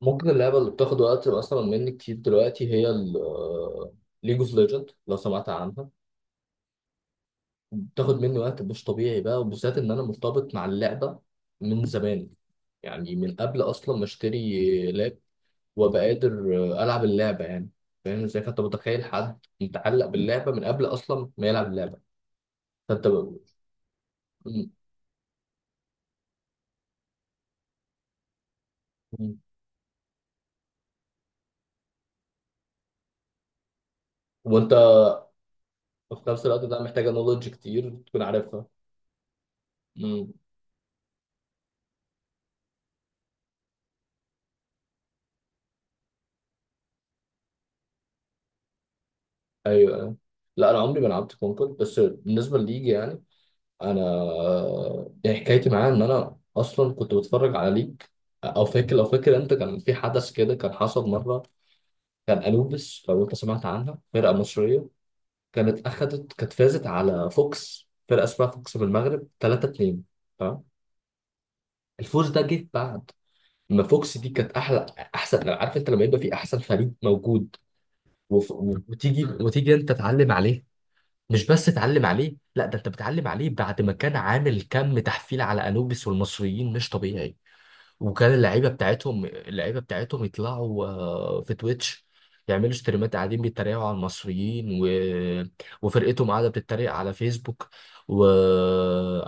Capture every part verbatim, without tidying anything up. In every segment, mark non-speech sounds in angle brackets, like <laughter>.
ممكن اللعبة اللي بتاخد وقت مثلا مني كتير دلوقتي هي ليج اوف ليجند، لو سمعت عنها. بتاخد مني وقت مش طبيعي بقى، وبالذات ان انا مرتبط مع اللعبة من زمان، يعني من قبل اصلا ما اشتري لاب وابقى قادر العب اللعبة يعني، فاهم ازاي؟ فانت متخيل حد متعلق باللعبة من قبل اصلا ما يلعب اللعبة. فانت ب... م- م- وانت في نفس الوقت ده محتاجة نولج كتير تكون عارفها. م. ايوه، أيوة. لا، انا عمري ما لعبت كونكورد، بس بالنسبه لليج يعني، انا يعني حكايتي معاه ان انا اصلا كنت بتفرج عليك، او فاكر. لو فاكر انت، كان في حدث كده كان حصل مره، كان انوبيس، لو انت سمعت عنها، فرقه مصريه. كانت اخذت كانت فازت على فوكس، فرقه اسمها فوكس من المغرب ثلاثة اتنين. تمام. الفوز ده جه بعد ما فوكس دي كانت احلى احسن. عارف انت لما يبقى في احسن فريق موجود، وف... وتيجي وتيجي انت تعلم عليها. مش بس تعلم عليه، لا ده انت بتعلم عليه بعد ما كان عامل كم تحفيل على انوبيس والمصريين مش طبيعي. وكان اللعيبه بتاعتهم اللعيبه بتاعتهم يطلعوا آه، في تويتش، يعملوا ستريمات، قاعدين بيتريقوا على المصريين، و... وفرقتهم قاعده بتتريق على فيسبوك. و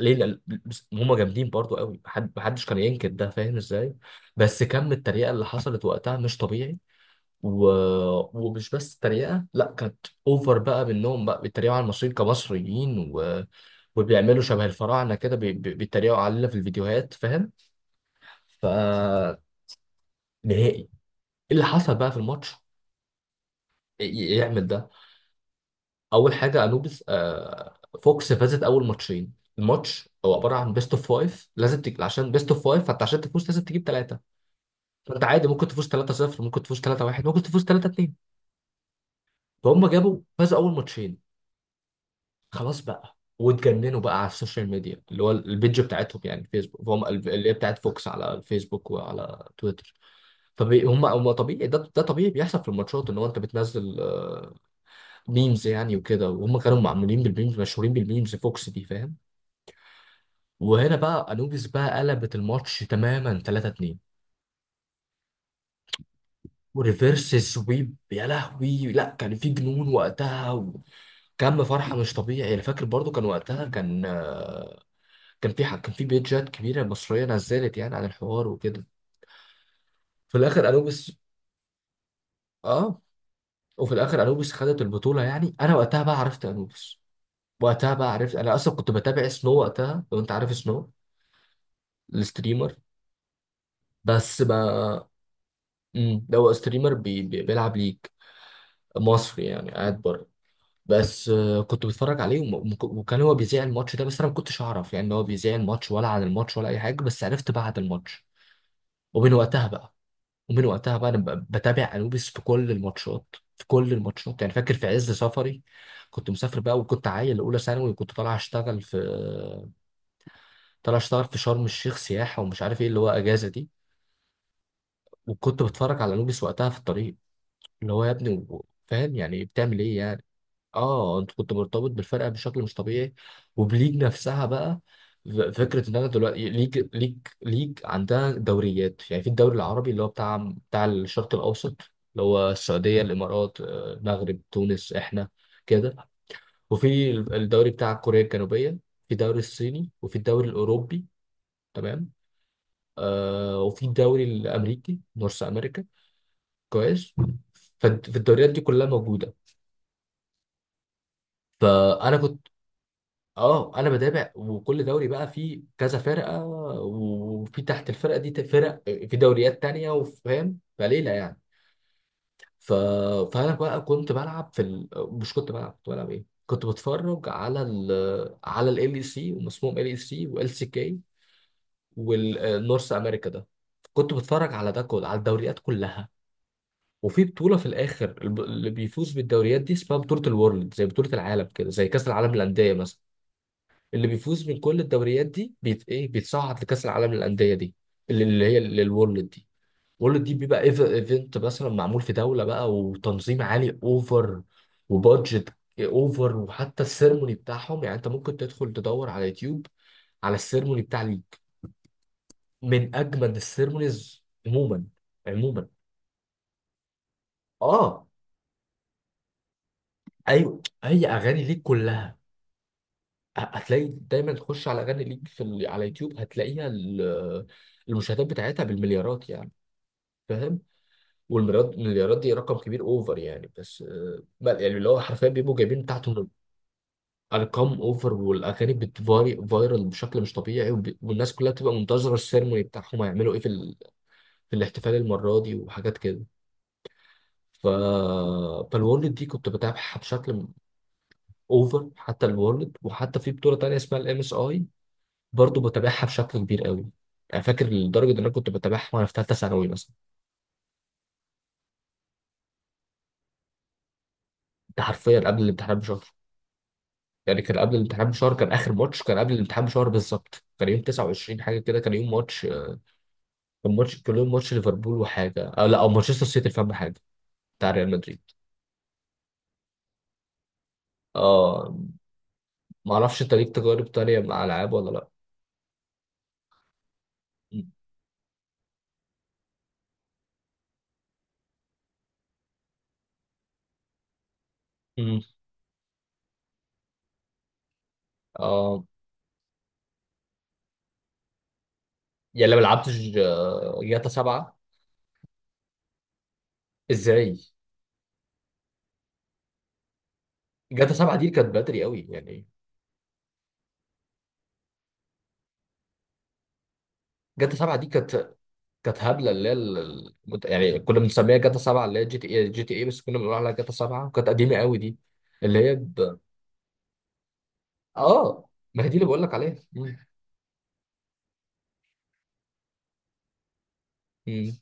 ليه لا- بس هم جامدين برضو قوي، محد- محدش كان ينكر ده، فاهم ازاي؟ بس كم التريقه اللي حصلت وقتها مش طبيعي. و... ومش بس تريقة، لا كانت اوفر بقى، منهم بقى بيتريقوا على المصريين كمصريين، و... وبيعملوا شبه الفراعنة كده، بي... بي- بيتريقوا علينا في الفيديوهات، فاهم. فنهائي ايه اللي حصل بقى في الماتش ي- ي- يعمل ده. اول حاجة انوبيس آه... فوكس فازت اول ماتشين. الماتش هو عبارة عن بيست اوف فايف، لازم تك... عشان بيست اوف فايف فانت عشان تفوز لازم تجيب ثلاثة. فانت عادي ممكن تفوز ثلاثة صفر، ممكن تفوز ثلاثة واحد، ممكن تفوز ثلاثة اتنين. فهم جابوا فازوا اول ماتشين. خلاص بقى، واتجننوا بقى على السوشيال ميديا، اللي هو البيج بتاعتهم يعني، الفيسبوك. فهم، اللي هي بتاعت فوكس، على الفيسبوك وعلى تويتر. فهم هم طبيعي، ده ده طبيعي بيحصل في الماتشات، ان هو انت بتنزل ميمز يعني وكده، وهم كانوا معمولين بالميمز، مشهورين بالميمز، فوكس دي، فاهم. وهنا بقى انوبيس بقى قلبت الماتش تماما ثلاثة اتنين وريفيرس سويب. يا لهوي، لا كان في جنون وقتها، وكم فرحه مش طبيعي. انا فاكر برضو، كان وقتها كان آه، كان في حق كان في بيجات كبيره مصريه نزلت يعني، عن الحوار وكده. في الاخر انوبيس اه وفي الاخر انوبيس خدت البطوله، يعني انا وقتها بقى عرفت انوبيس، وقتها بقى عرفت. انا اصلا كنت بتابع سنو وقتها، لو انت عارف سنو الستريمر، بس ما امم ده هو ستريمر بي... بي... بيلعب ليج، مصري يعني قاعد بره. بس آه، كنت بتفرج عليه وم... وم- وكان هو بيذيع الماتش ده، بس انا ما كنتش اعرف يعني ان هو بيذيع الماتش، ولا عن الماتش ولا اي حاجه، بس عرفت بعد الماتش. ومن وقتها بقى ومن وقتها بقى انا ب- بتابع انوبيس في كل الماتشات، في كل الماتشات يعني فاكر في عز سفري، كنت مسافر بقى، وكنت عيل اولى ثانوي، وكنت طالع اشتغل في طالع اشتغل في شرم الشيخ سياحه، ومش عارف ايه، اللي هو اجازه دي. وكنت بتفرج على انوبيس وقتها في الطريق، اللي هو يا ابني و- فاهم يعني بتعمل ايه يعني. اه، انت كنت مرتبط بالفرقه بشكل مش طبيعي، وبليج نفسها بقى. ف- فكره ان انا دلوقتي، ليج ليج، ليج عندها دوريات، يعني في الدوري العربي، اللي هو بتاع بتاع الشرق الاوسط، اللي هو السعوديه، الامارات، آه، المغرب، تونس، احنا، كده. وفي الدوري بتاع كوريا الجنوبيه، في الدوري الصيني، وفي الدوري الاوروبي. تمام. آه، وفي الدوري الامريكي، نورث امريكا. كويس. فالدوريات دي كلها موجوده. فانا كنت اه، انا بتابع، وكل دوري بقى فيه كذا فرقه، وفي تحت الفرقه دي فرق في دوريات تانية، وفاهم، فليله يعني. ف... فانا بقى كنت بلعب في ال... مش كنت بلعب كنت بلعب ايه كنت بتفرج على ال على ال اي سي ومسموم ال اي سي وال سي كي والنورث امريكا ده. كنت بتفرج على ده كله، على الدوريات كلها. وفي بطوله في الاخر، الب- اللي بيفوز بالدوريات دي اسمها بطوله الورلد، زي بطوله العالم كده، زي كاس العالم للانديه مثلا. اللي بيفوز من كل الدوريات دي بيت ايه بيتصعد لكاس العالم للانديه دي، اللي اللي هي للورلد دي. الورلد دي بيبقى إيف- ايفنت مثلا، معمول في دوله بقى، وتنظيم عالي اوفر، وبادجت اوفر، وحتى السيرموني بتاعهم. يعني انت ممكن تدخل تدور على يوتيوب على السيرموني بتاع ليج، من اجمل السيرمونيز عموما. عموما، اه، ايوه، هي اغاني ليج كلها. ه- هتلاقي دايما تخش على اغاني ليج في ال- على يوتيوب، هتلاقيها ال- المشاهدات بتاعتها بالمليارات يعني، فاهم. والمليارات، المليارات دي رقم كبير اوفر يعني، بس آه، بل يعني اللي هو حرفيا بيبقوا جايبين تحته ارقام اوفر، والاغاني بتفاري فايرال بشكل مش طبيعي، وب... والناس كلها بتبقى منتظره السيرموني بتاعهم هيعملوا ايه في ال... في الاحتفال المره دي، وحاجات كده. ف فالورلد دي كنت بتابعها بشكل اوفر، حتى الورلد، وحتى في بطوله تانيه اسمها الام اس اي، برضه بتابعها بشكل كبير قوي. يعني فاكر لدرجه ان انا كنت بتابعها وانا في ثالثه ثانوي مثلا. ده حرفيا قبل الامتحانات بشهر، يعني كان قبل الامتحان بشهر. كان اخر ماتش كان قبل الامتحان بشهر بالظبط، كان يوم تسعة وعشرين حاجه كده، كان يوم ماتش. كان ماتش كان يوم ماتش ليفربول وحاجه، آه لا، او مانشستر سيتي، فاهم، حاجه بتاع ريال مدريد. اه، ما اعرفش انت ليك تجارب تانية مع العاب ولا لا؟ امم اه، يعني لما لعبتش آه، جاتا سبعة. ازاي؟ جاتا سبعة دي كانت بدري قوي يعني. جاتا سبعة دي كانت كانت هبله، اللي هي ال- ال- مت- يعني كنا بنسميها جاتا سبعة، اللي هي جي تي اي جي تي اي، بس كنا بنقول عليها جاتا سبعة، وكانت قديمه قوي دي، اللي هي اه. ما هي دي اللي بقول لك عليها. مم. مم.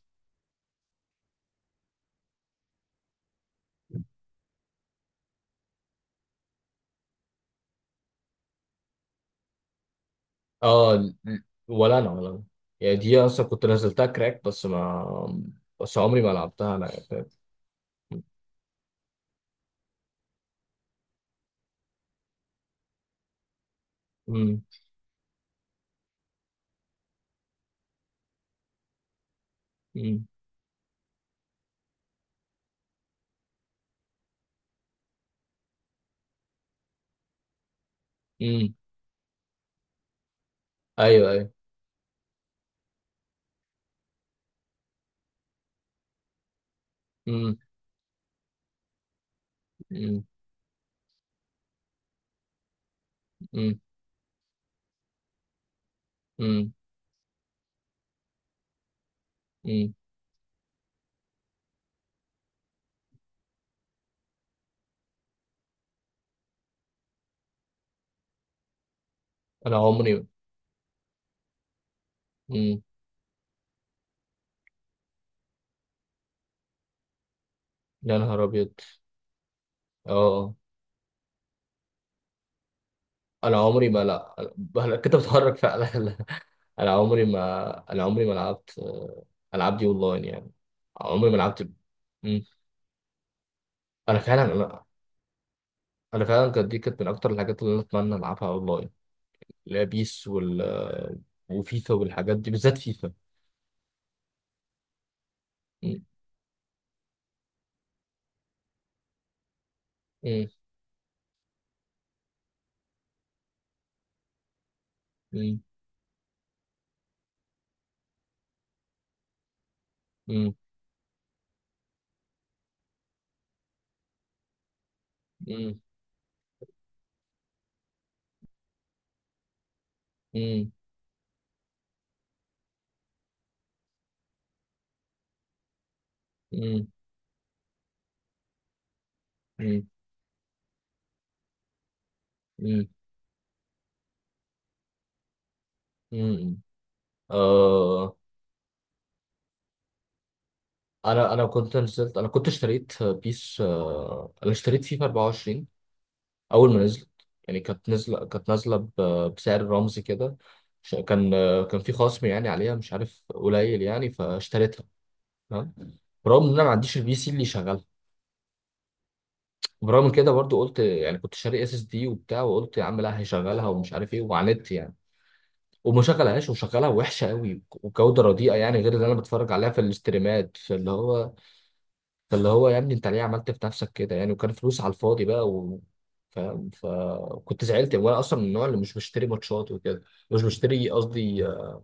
اه، ل- ولا انا ولا انا، يعني دي اصلا كنت نزلتها كراك، بس ما، بس عمري ما لعبتها انا، يعني فاهم. مم. مم. مم. ايوه، ايوه. مم. مم. مم. مم. مم. انا عمري. مم. يا نهار ابيض. اه، انا عمري ما لا، أنا كنت بتحرك فعلا <laughs> لا، انا عمري ما انا عمري ما لعبت آه، العاب دي اونلاين يعني، عمري ما لعبت. مم. انا فعلا انا فعلا كانت دي كانت من اكتر الحاجات اللي انا اتمنى العبها اونلاين، اللي هي بيس وال آه، وفيفا، والحاجات دي، بالذات فيفا. مم. مم. مم. مم. مم. مم. مم. مم. مم. مم. آه، انا انا كنت نزلت انا كنت اشتريت بيس، آه، انا اشتريت فيفا اربعة وعشرين اول ما نزلت، يعني كانت نازله، كانت نازله ب- بسعر رمزي كده. ش- كان آه، كان في خصم يعني عليها، مش عارف قليل يعني، فاشتريتها. تمام. برغم ان انا ما عنديش البي سي اللي يشغلها، وبرغم كده برضو قلت يعني، كنت شاري اس اس دي وبتاع، وقلت يا عم لا هيشغلها ومش عارف ايه، وعاندت يعني، وما شغلهاش، وشغلها وحشه قوي وجوده رديئه يعني، غير اللي انا بتفرج عليها في الاستريمات. فاللي هو فاللي هو يا ابني انت ليه عملت في نفسك كده يعني، وكان فلوس على الفاضي بقى، و... فاهم، فكنت زعلت يعني. وانا اصلا من النوع اللي مش بشتري ماتشات وكده، مش بشتري قصدي آه،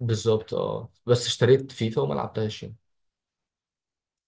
بالظبط، اه. بس اشتريت فيفا وما لعبتهاش يعني.